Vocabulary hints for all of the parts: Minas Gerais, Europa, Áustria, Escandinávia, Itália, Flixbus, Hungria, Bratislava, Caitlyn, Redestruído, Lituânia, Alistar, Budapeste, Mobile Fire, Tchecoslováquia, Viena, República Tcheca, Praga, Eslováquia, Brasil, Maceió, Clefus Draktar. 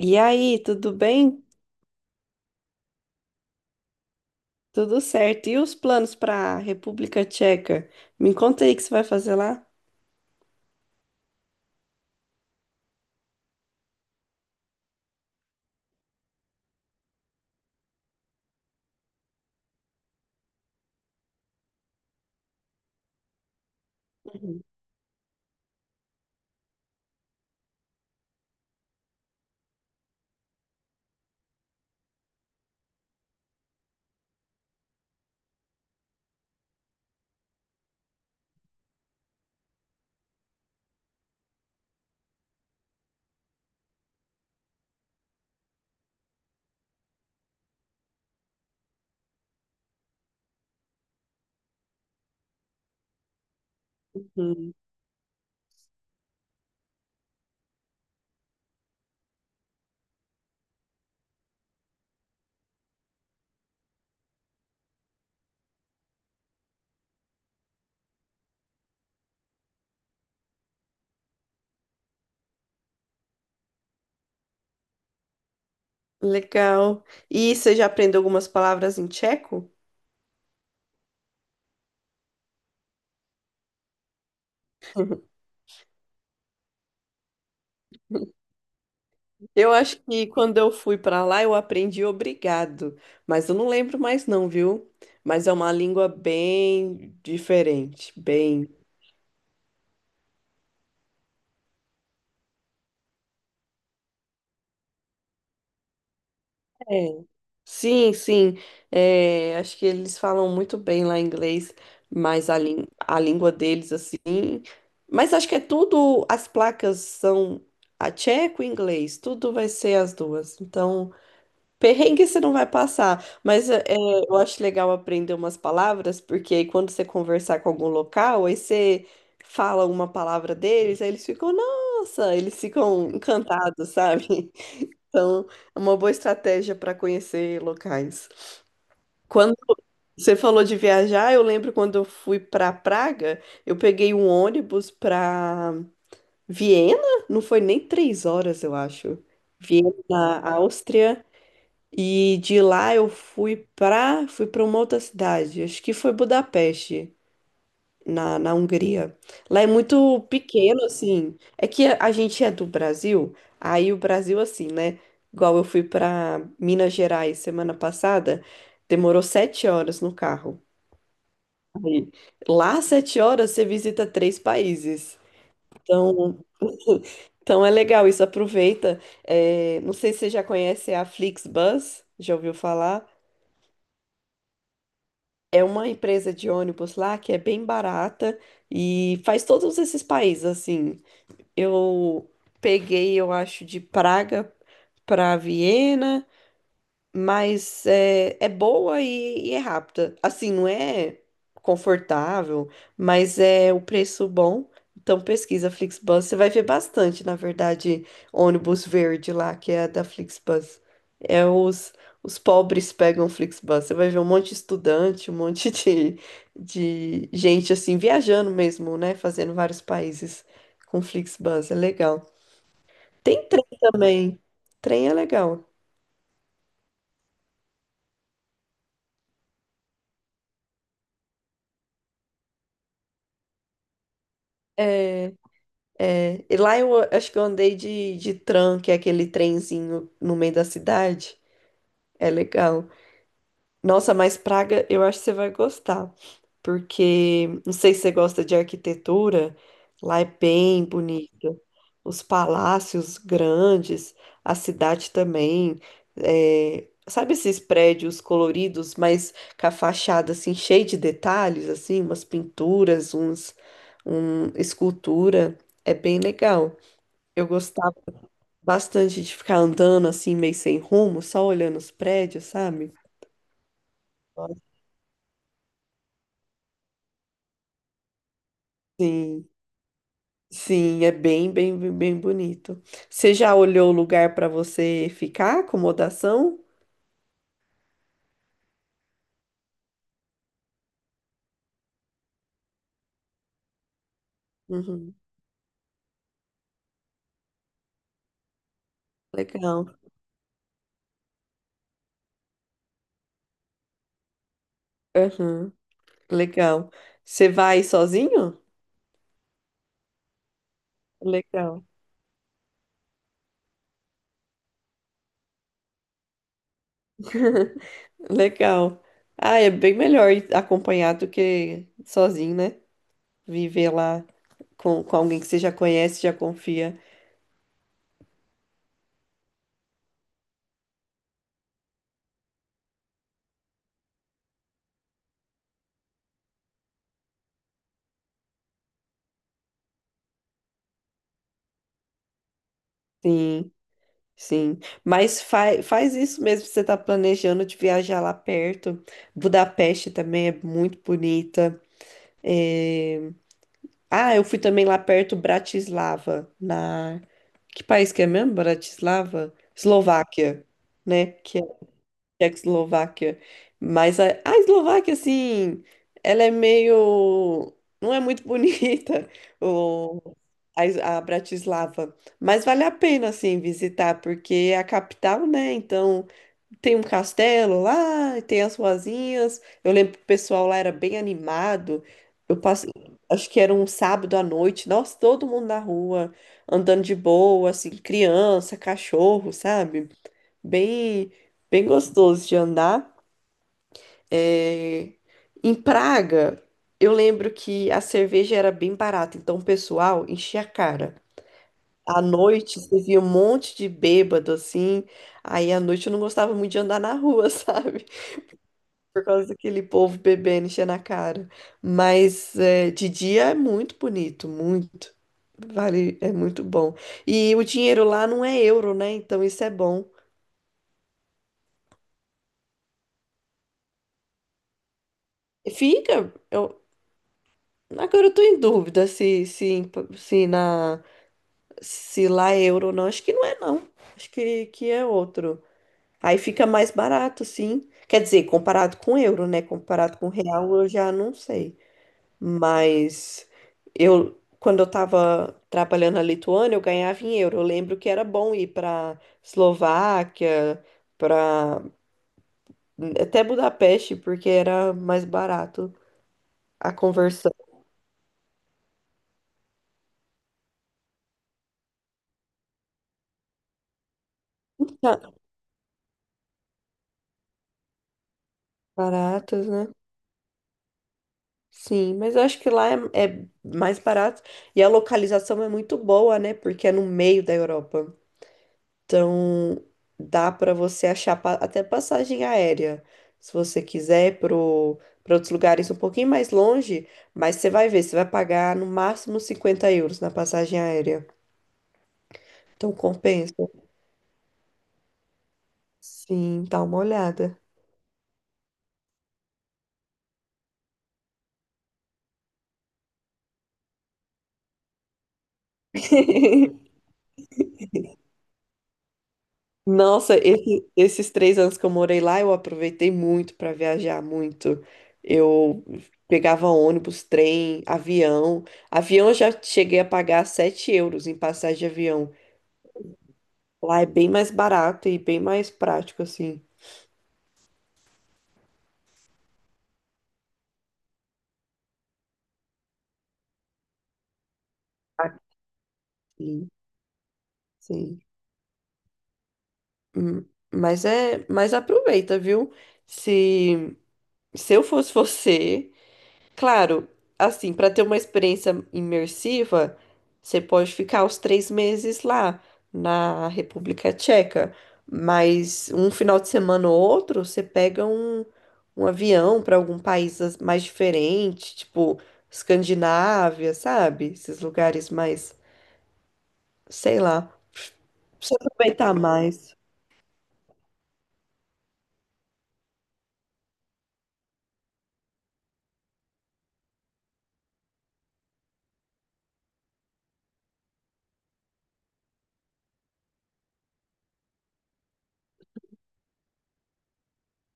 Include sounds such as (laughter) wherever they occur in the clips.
E aí, tudo bem? Tudo certo. E os planos para a República Tcheca? Me conta aí o que você vai fazer lá. Uhum. Uhum. Legal. E você já aprendeu algumas palavras em tcheco? Eu acho que quando eu fui para lá eu aprendi obrigado, mas eu não lembro mais não, viu? Mas é uma língua bem diferente, bem. É. Sim, sim. É, acho que eles falam muito bem lá inglês, mas a língua deles, assim. Mas acho que é tudo. As placas são a tcheco e inglês, tudo vai ser as duas. Então, perrengue você não vai passar. Mas eu acho legal aprender umas palavras, porque aí quando você conversar com algum local, aí você fala uma palavra deles, aí eles ficam, nossa, eles ficam encantados, sabe? Então, é uma boa estratégia para conhecer locais. Quando você falou de viajar, eu lembro quando eu fui para Praga, eu peguei um ônibus para Viena, não foi nem 3 horas, eu acho. Viena, na Áustria, e de lá eu fui para uma outra cidade, acho que foi Budapeste na Hungria. Lá é muito pequeno, assim. É que a gente é do Brasil, aí o Brasil, assim, né? Igual eu fui para Minas Gerais semana passada, demorou 7 horas no carro. Aí, lá, 7 horas, você visita três países. Então, então, é legal isso, aproveita. É, não sei se você já conhece a Flixbus, já ouviu falar? É uma empresa de ônibus lá que é bem barata e faz todos esses países assim. Eu peguei, eu acho, de Praga para Viena, mas é boa e é rápida. Assim, não é confortável, mas é o preço bom. Então pesquisa Flixbus, você vai ver bastante, na verdade, ônibus verde lá, que é a da Flixbus. É os pobres pegam Flixbus. Você vai ver um monte de estudante, um monte (laughs) de gente assim, viajando mesmo, né? Fazendo vários países com Flixbus. É legal. Tem trem também. Trem é legal. É, é, e lá eu acho que eu andei de tram, que é aquele trenzinho no meio da cidade. É legal. Nossa, mas Praga eu acho que você vai gostar, porque não sei se você gosta de arquitetura, lá é bem bonito. Os palácios grandes, a cidade também. É, sabe esses prédios coloridos, mas com a fachada assim, cheia de detalhes, assim, umas pinturas, escultura. É bem legal. Eu gostava bastante de ficar andando assim, meio sem rumo, só olhando os prédios, sabe? Sim, sim, é bem, bem, bem bem bonito. Você já olhou o lugar para você ficar, acomodação? Uhum. Legal. Uhum. Legal. Você vai sozinho? Legal. (laughs) Legal. Ah, é bem melhor ir acompanhado do que sozinho, né? Viver lá com alguém que você já conhece, já confia. Sim. Sim, mas fa faz isso mesmo se você está planejando de viajar lá perto. Budapeste também é muito bonita. É. Ah, eu fui também lá perto, Bratislava, na... Que país que é mesmo? Bratislava? Eslováquia, né? Que Tchecoslováquia. Mas a Eslováquia, assim, ela é meio. Não é muito bonita, (laughs) o, a Bratislava. Mas vale a pena, assim, visitar, porque é a capital, né? Então, tem um castelo lá, tem as ruazinhas. Eu lembro que o pessoal lá era bem animado. Eu passei. Acho que era um sábado à noite, nossa, todo mundo na rua, andando de boa, assim, criança, cachorro, sabe? Bem, bem gostoso de andar. É, em Praga, eu lembro que a cerveja era bem barata, então o pessoal enchia a cara. À noite, você via um monte de bêbado assim. Aí à noite eu não gostava muito de andar na rua, (laughs) sabe? Por causa daquele povo bebendo, enchendo a cara. Mas é, de dia é muito bonito, muito. Vale, é muito bom. E o dinheiro lá não é euro, né? Então isso é bom. Fica. Agora eu tô em dúvida se, na, se lá é euro ou não. Acho que não é, não. Acho que é outro. Aí fica mais barato, sim. Quer dizer, comparado com euro, né? Comparado com real, eu já não sei. Mas eu, quando eu tava trabalhando na Lituânia, eu ganhava em euro. Eu lembro que era bom ir pra Eslováquia, pra até Budapeste, porque era mais barato. A conversão tá baratas, né? Sim, mas eu acho que lá é mais barato e a localização é muito boa, né? Porque é no meio da Europa. Então dá para você achar até passagem aérea, se você quiser, para outros lugares um pouquinho mais longe, mas você vai ver, você vai pagar no máximo 50 euros na passagem aérea. Então compensa. Sim, dá uma olhada. Nossa, esses 3 anos que eu morei lá, eu aproveitei muito para viajar muito. Eu pegava ônibus, trem, avião. Avião eu já cheguei a pagar 7 euros em passagem de avião. Lá é bem mais barato e bem mais prático, assim. Aqui, sim. Hum, Mas é, mas aproveita, viu? Se, se eu fosse você. Claro, assim, para ter uma experiência imersiva, você pode ficar os 3 meses lá na República Tcheca, mas um final de semana ou outro, você pega um avião para algum país mais diferente, tipo Escandinávia, sabe? Esses lugares mais, sei lá, pra você aproveitar mais.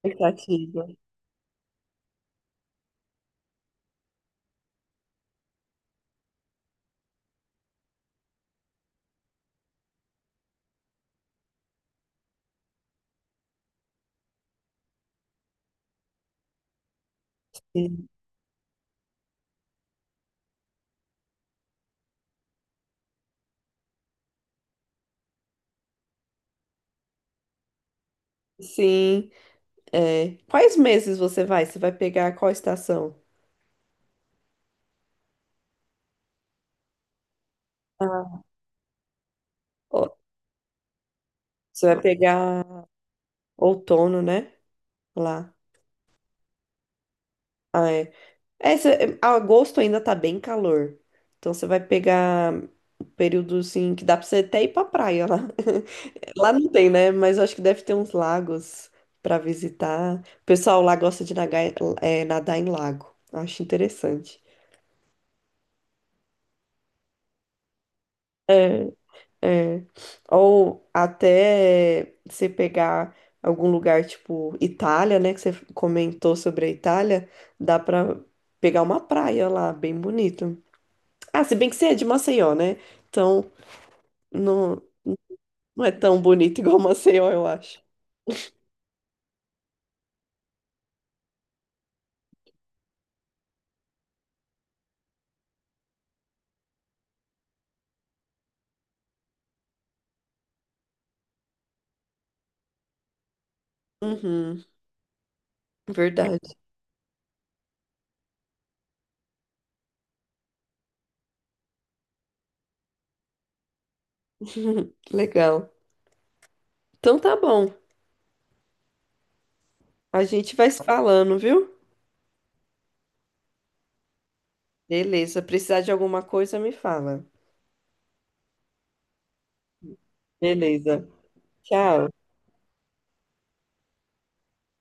Expectativa. Sim, sim, é. Quais meses você vai? Você vai pegar qual estação? Ó. Você vai pegar outono, né? Lá. Ah, é. É, agosto ainda tá bem calor. Então você vai pegar período assim que dá pra você até ir pra praia lá. (laughs) Lá não tem, né? Mas eu acho que deve ter uns lagos pra visitar. O pessoal lá gosta de nadar em lago. Eu acho interessante. É, é. Ou até você pegar algum lugar tipo Itália, né? Que você comentou sobre a Itália, dá pra pegar uma praia lá, bem bonito. Ah, se bem que você é de Maceió, né? Então, não, não é tão bonito igual (laughs) Maceió, eu acho. Uhum, verdade. (laughs) Legal. Então tá bom. A gente vai se falando, viu? Beleza. Precisar de alguma coisa, me fala. Beleza. Tchau.